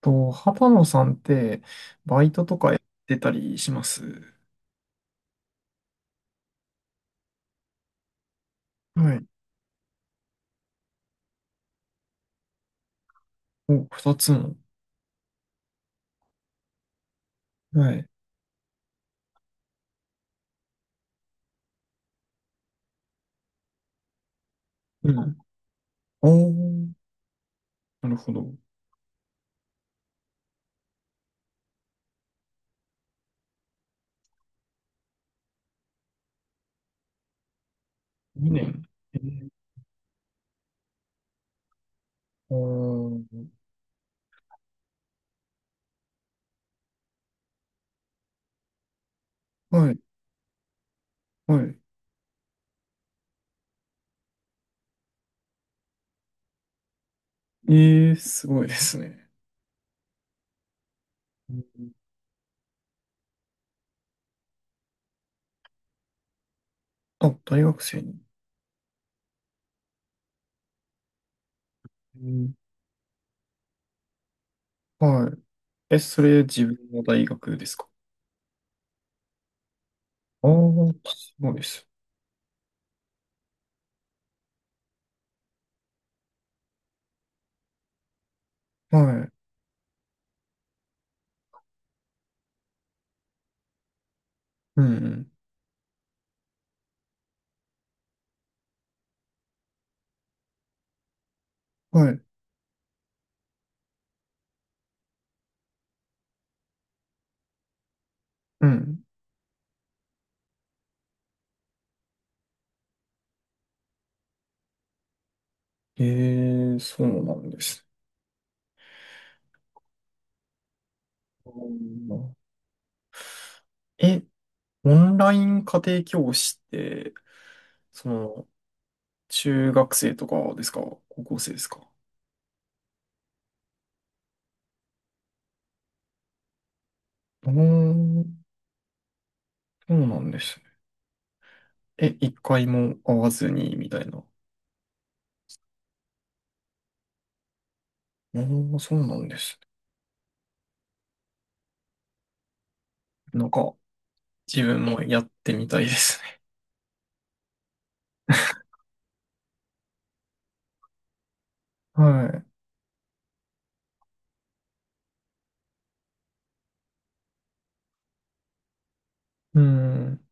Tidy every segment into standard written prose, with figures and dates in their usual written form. と、畑野さんって、バイトとかやってたりします？はい。お、二つの。はい。うん。おー、なるほど。二年。えー。おー、はい、はい。えー、すごいですね。うん。あ、大学生に。うん。はい。え、それ自分の大学ですか？ああー、そうです。はい。うん、うん。はい。うん。えー、そうなんです。うん。え、オンライン家庭教師って、その、中学生とかですか？高校生ですか？うーん、そうなんですね。え、一回も会わずに、みたいな。うーん、そうなんですね。なんか、自分もやってみたいですね。はい。うん。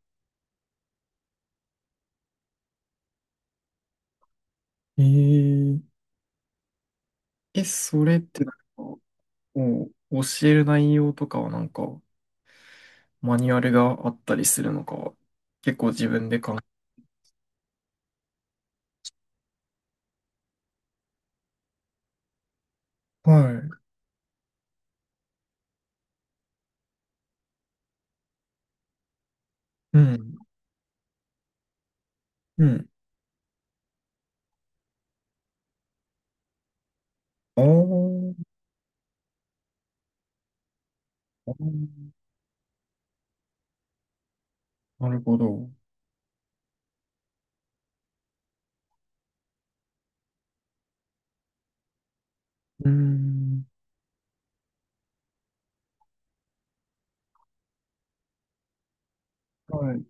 えー、え、それってなんか、こう教える内容とかはなんか、マニュアルがあったりするのか、結構自分で考え、はい。うん。うん。あー、あー、なるほど。うーん。はい。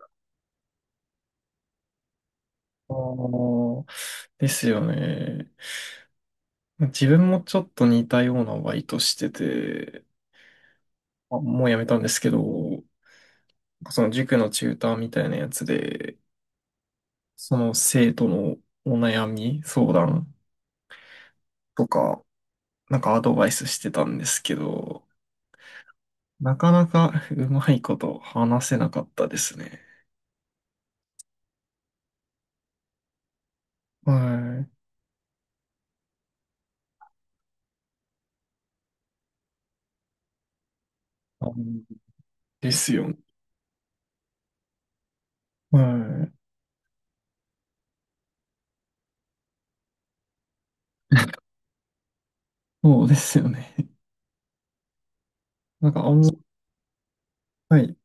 ああ、ですよね。自分もちょっと似たようなバイトしてて、あ、もうやめたんですけど、その塾のチューターみたいなやつで、その生徒のお悩み、相談とか、なんかアドバイスしてたんですけど、なかなかうまいこと話せなかったですね。はい。あのですよね。はい。そうですよね。なんかあんま、はい。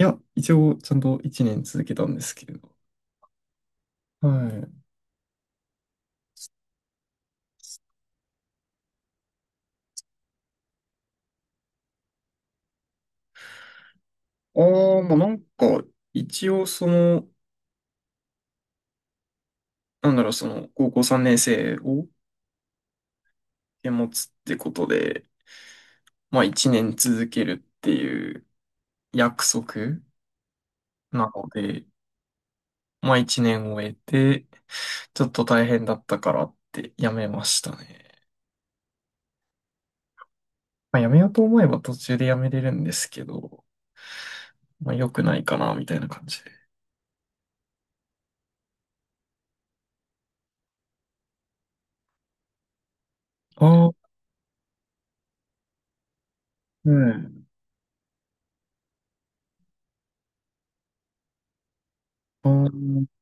いや、一応ちゃんと1年続けたんですけれど。はい。ああ、まあなんか、一応その、なんだろう、その、高校3年生を持つってことで、まあ1年続けるっていう約束なので、まあ1年終えて、ちょっと大変だったからって辞めましたね。まあ辞めようと思えば途中で辞めれるんですけど、まあ良くないかな、みたいな感じで。ああ、はい。ああ、は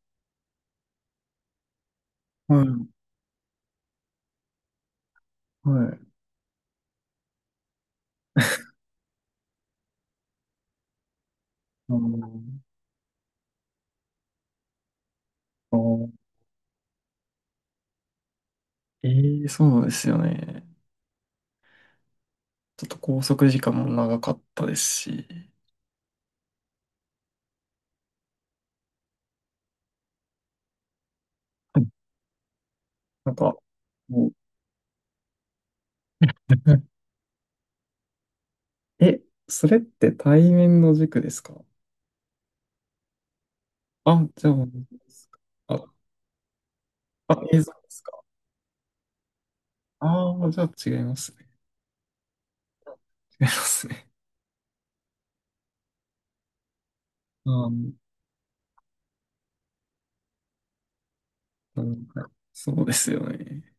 い、はい。あー、あー、ええ、そうなんですよね。ちょっと拘束時間も長かったですし、はい。なんか、もう、うん。え、それって対面の塾ですか？あ、じゃあ、あ、あ、映像ですか？ああー、じゃあ違いますね。違いますね。あー、なんかそうですよね。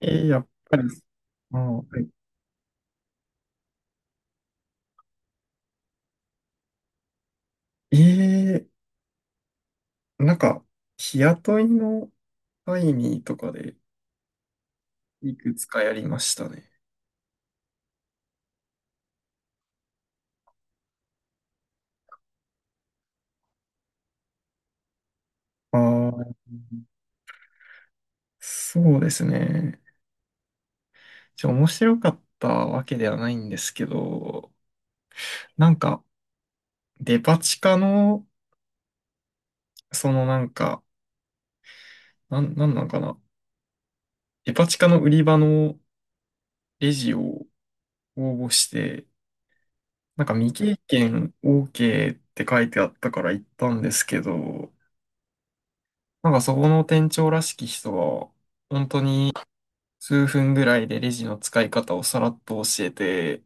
やっぱり、あー、はい、なんか、日雇いの会議とかでいくつかやりましたね。ああ。そうですね。面白かったわけではないんですけど、なんか、デパ地下の、そのなんか、なんなんかな。デパ地下の売り場のレジを応募して、なんか未経験 OK って書いてあったから行ったんですけど、なんかそこの店長らしき人が、本当に数分ぐらいでレジの使い方をさらっと教えて、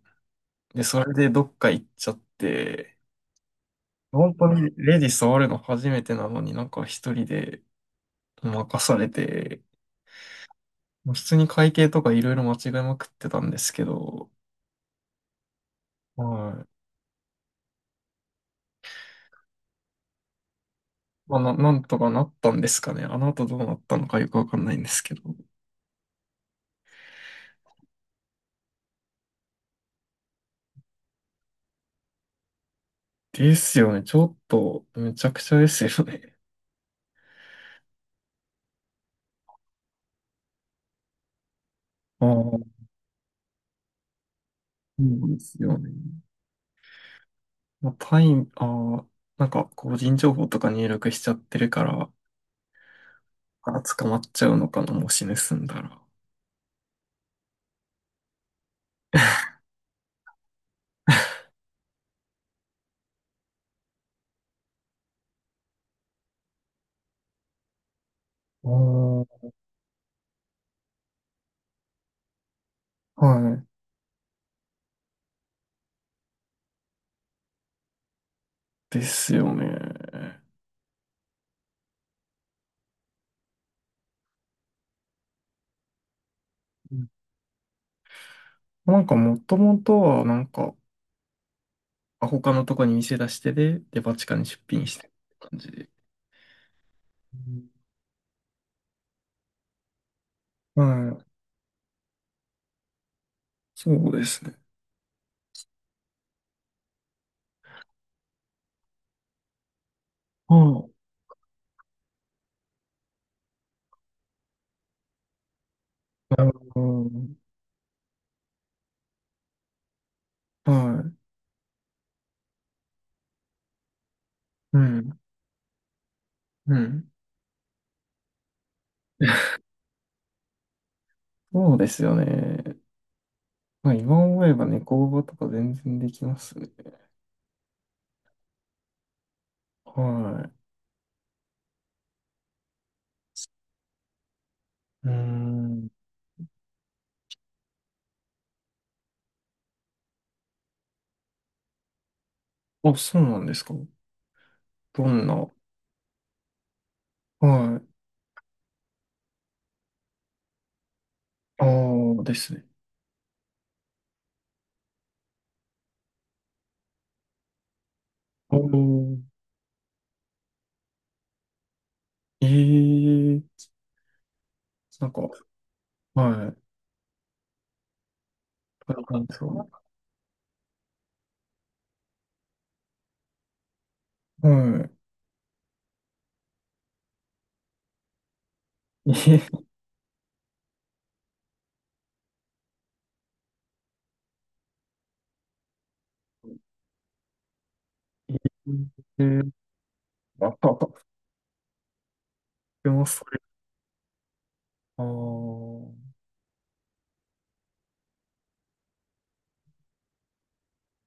で、それでどっか行っちゃって、本当にレディ触るの初めてなのになんか一人で任されて、もう普通に会計とかいろいろ間違えまくってたんですけど、はい。まあ、なんとかなったんですかね。あの後どうなったのかよくわかんないんですけど。ですよね。ちょっと、めちゃくちゃですよね。ああ、そうですよね。まあ、タイム、ああ、なんか個人情報とか入力しちゃってるから、あ、捕まっちゃうのかな、もし盗んだら。ああ、はい。ですよね。なんかもともとはなんか、あ他のとこに店出してで、デパ地下に出品してる感じで。うん。はい。そうですね。はい。なるほど。はい。うん。うん。そうですよね。まあ今思えば猫バとか全然できますね。はい。うーん。あ、そうなんですか。どんな。はい。ああ、ですね。おー。ええー、なんか、はい。こういう感じそう。はい。えええー、あったあった、でもそれ、あー